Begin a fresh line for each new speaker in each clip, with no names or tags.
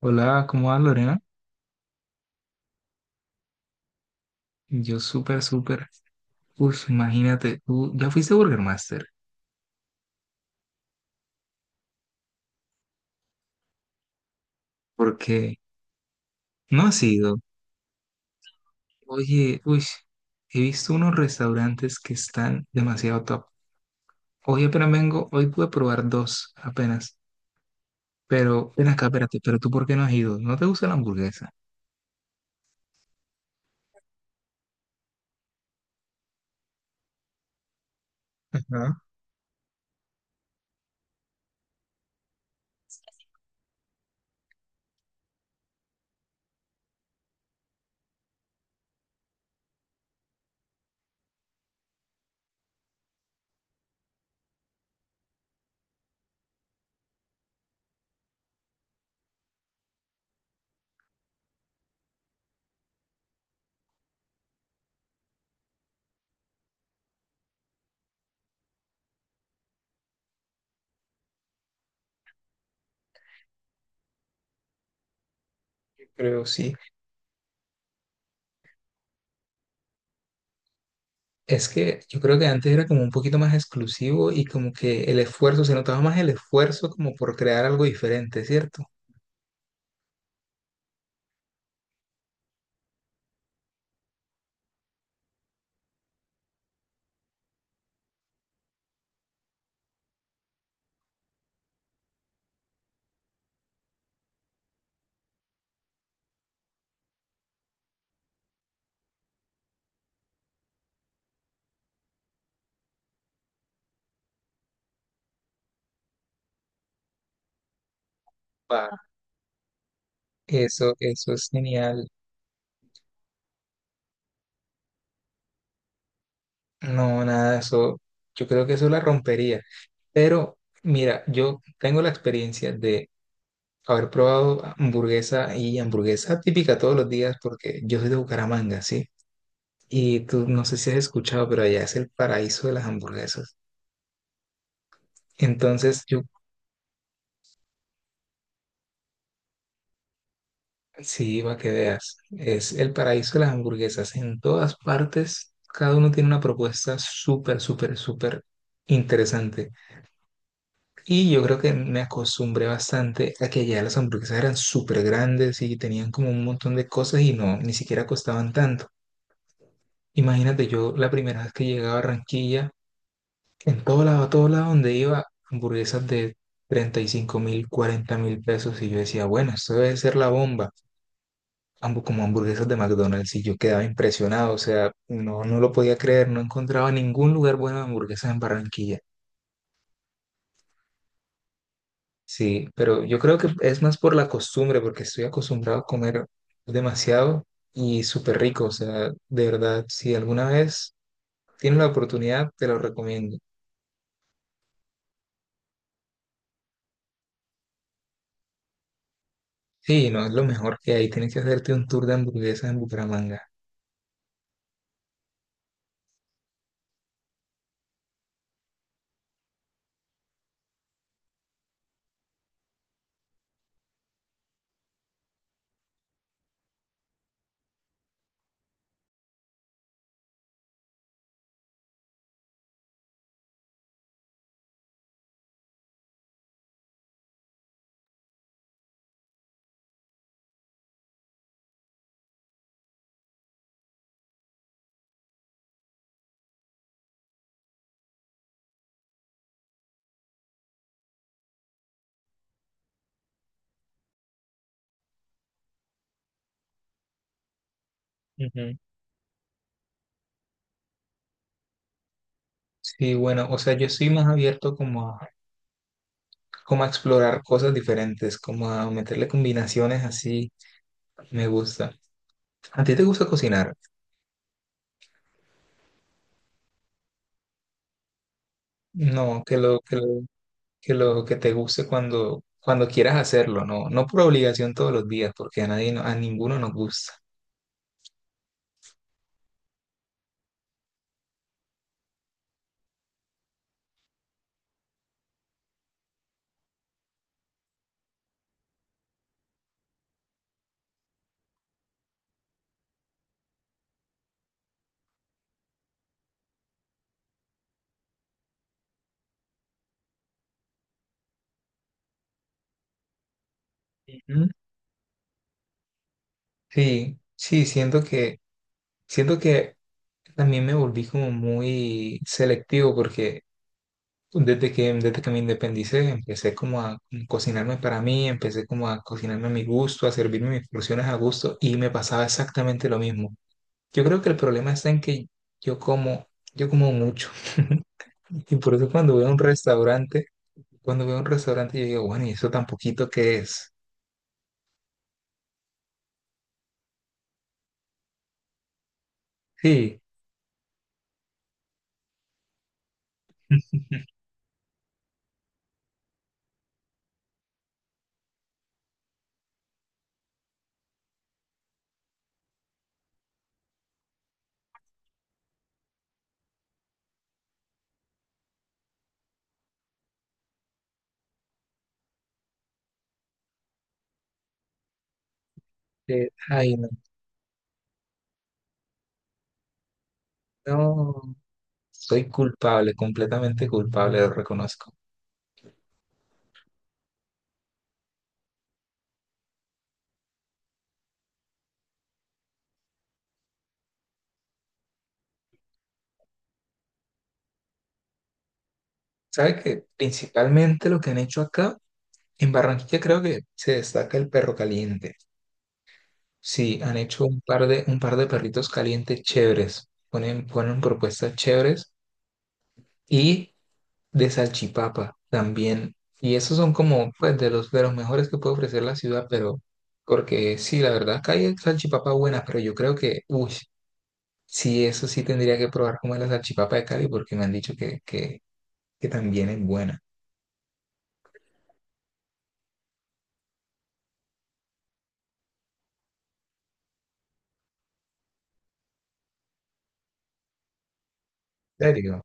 Hola, ¿cómo vas, Lorena? Yo súper, súper. Uf, imagínate, tú ya fuiste a Burger Master, porque no has ido. Oye, uy, he visto unos restaurantes que están demasiado top. Hoy apenas vengo, hoy pude probar dos apenas. Pero, ven acá, espérate, pero tú ¿por qué no has ido? ¿No te gusta la hamburguesa? Ajá, yo creo sí. Es que yo creo que antes era como un poquito más exclusivo y como que el esfuerzo, se notaba más el esfuerzo como por crear algo diferente, ¿cierto? Va. Eso es genial. No, nada, eso, yo creo que eso la rompería. Pero mira, yo tengo la experiencia de haber probado hamburguesa y hamburguesa típica todos los días porque yo soy de Bucaramanga, ¿sí? Y tú, no sé si has escuchado, pero allá es el paraíso de las hamburguesas. Entonces, yo sí, iba que veas, es el paraíso de las hamburguesas. En todas partes, cada uno tiene una propuesta súper, súper, súper interesante. Y yo creo que me acostumbré bastante a que allá las hamburguesas eran súper grandes y tenían como un montón de cosas y no, ni siquiera costaban tanto. Imagínate, yo la primera vez que llegué a Barranquilla, en todo lado, a todo lado donde iba, hamburguesas de 35.000, 40.000 pesos. Y yo decía, bueno, esto debe ser la bomba. Ambos como hamburguesas de McDonald's. Y yo quedaba impresionado. O sea, no, no lo podía creer. No encontraba ningún lugar bueno de hamburguesas en Barranquilla. Sí, pero yo creo que es más por la costumbre, porque estoy acostumbrado a comer demasiado y súper rico. O sea, de verdad, si alguna vez tienes la oportunidad, te lo recomiendo. Sí, no es lo mejor que hay. Tienes que hacerte un tour de hamburguesas en Bucaramanga. Ujú. Sí, bueno, o sea, yo soy más abierto como a, como a explorar cosas diferentes, como a meterle combinaciones así, me gusta. ¿A ti te gusta cocinar? No, que lo que te guste cuando quieras hacerlo, no, no por obligación todos los días, porque a nadie, a ninguno nos gusta. Ujú. Sí, sí, siento que también me volví como muy selectivo porque desde que me independicé, empecé como a cocinarme para mí, empecé como a cocinarme a mi gusto, a servirme mis porciones a gusto y me pasaba exactamente lo mismo. Yo creo que el problema está en que yo como, yo como mucho y por eso cuando veo un restaurante, cuando veo un restaurante yo digo, bueno, ¿y eso tan poquito que es? Sí, ay, no, no, soy culpable, completamente culpable, lo reconozco. ¿Sabe que principalmente lo que han hecho acá? En Barranquilla creo que se destaca el perro caliente. Sí, han hecho un par de perritos calientes chéveres. Ponen propuestas chéveres y de salchipapa también. Y esos son como pues, de los mejores que puede ofrecer la ciudad, pero porque sí, la verdad, acá hay salchipapa buenas, pero yo creo que, uy, sí, eso sí tendría que probar como es la salchipapa de Cali porque me han dicho que también es buena. ¿En serio?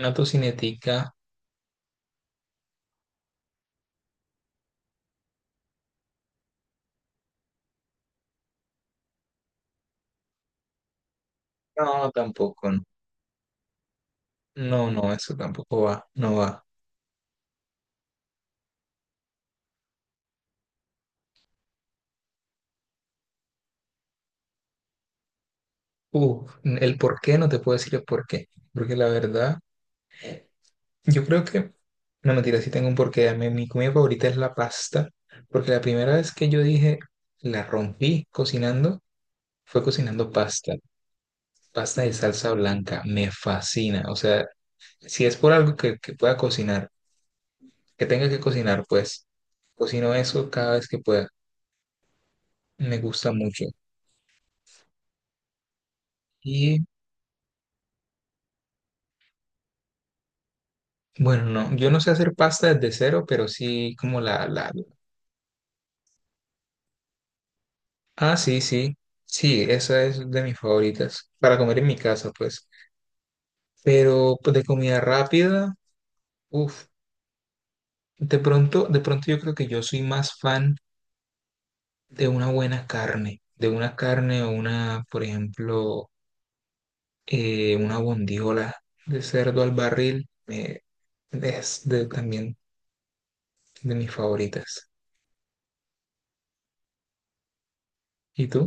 Una tocinetica, no, tampoco. No. No, no, eso tampoco va, no va. Uf, el por qué no te puedo decir el por qué, porque la verdad, yo creo que, no mentira, sí tengo un porqué. A mí, mi comida favorita es la pasta, porque la primera vez que yo dije, la rompí cocinando, fue cocinando pasta, pasta de salsa blanca, me fascina. O sea, si es por algo que pueda cocinar, que tenga que cocinar, pues cocino eso cada vez que pueda, me gusta mucho. Y bueno, no, yo no sé hacer pasta desde cero, pero sí como la, Ah, sí, sí, sí, esa es de mis favoritas, para comer en mi casa, pues. Pero pues, de comida rápida, uff, de pronto yo creo que yo soy más fan de una buena carne, de una carne o una, por ejemplo, una bondiola de cerdo al barril, es también de mis favoritas. ¿Y tú?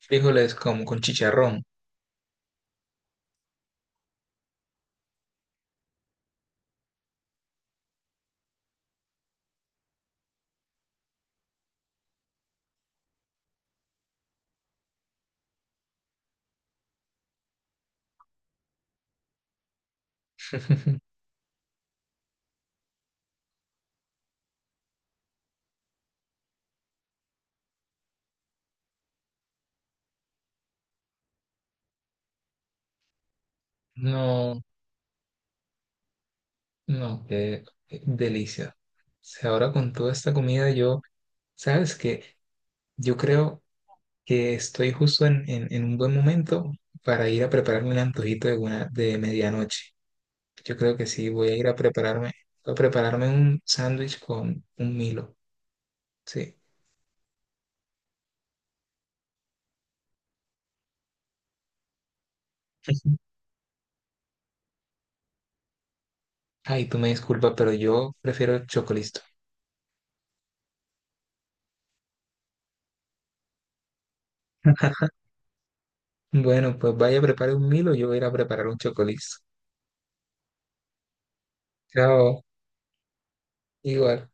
Frijoles como con chicharrón. No, no, qué delicia. O sea, ahora con toda esta comida yo... Sabes que yo creo que estoy justo en un buen momento para ir a prepararme un antojito de medianoche. Yo creo que sí, voy a ir a prepararme, un sándwich con un Milo. Sí. Ujú. Ay, tú me disculpas, pero yo prefiero el chocolisto. Bueno, pues vaya a preparar un Milo, yo voy a ir a preparar un chocolisto. Chao, igual.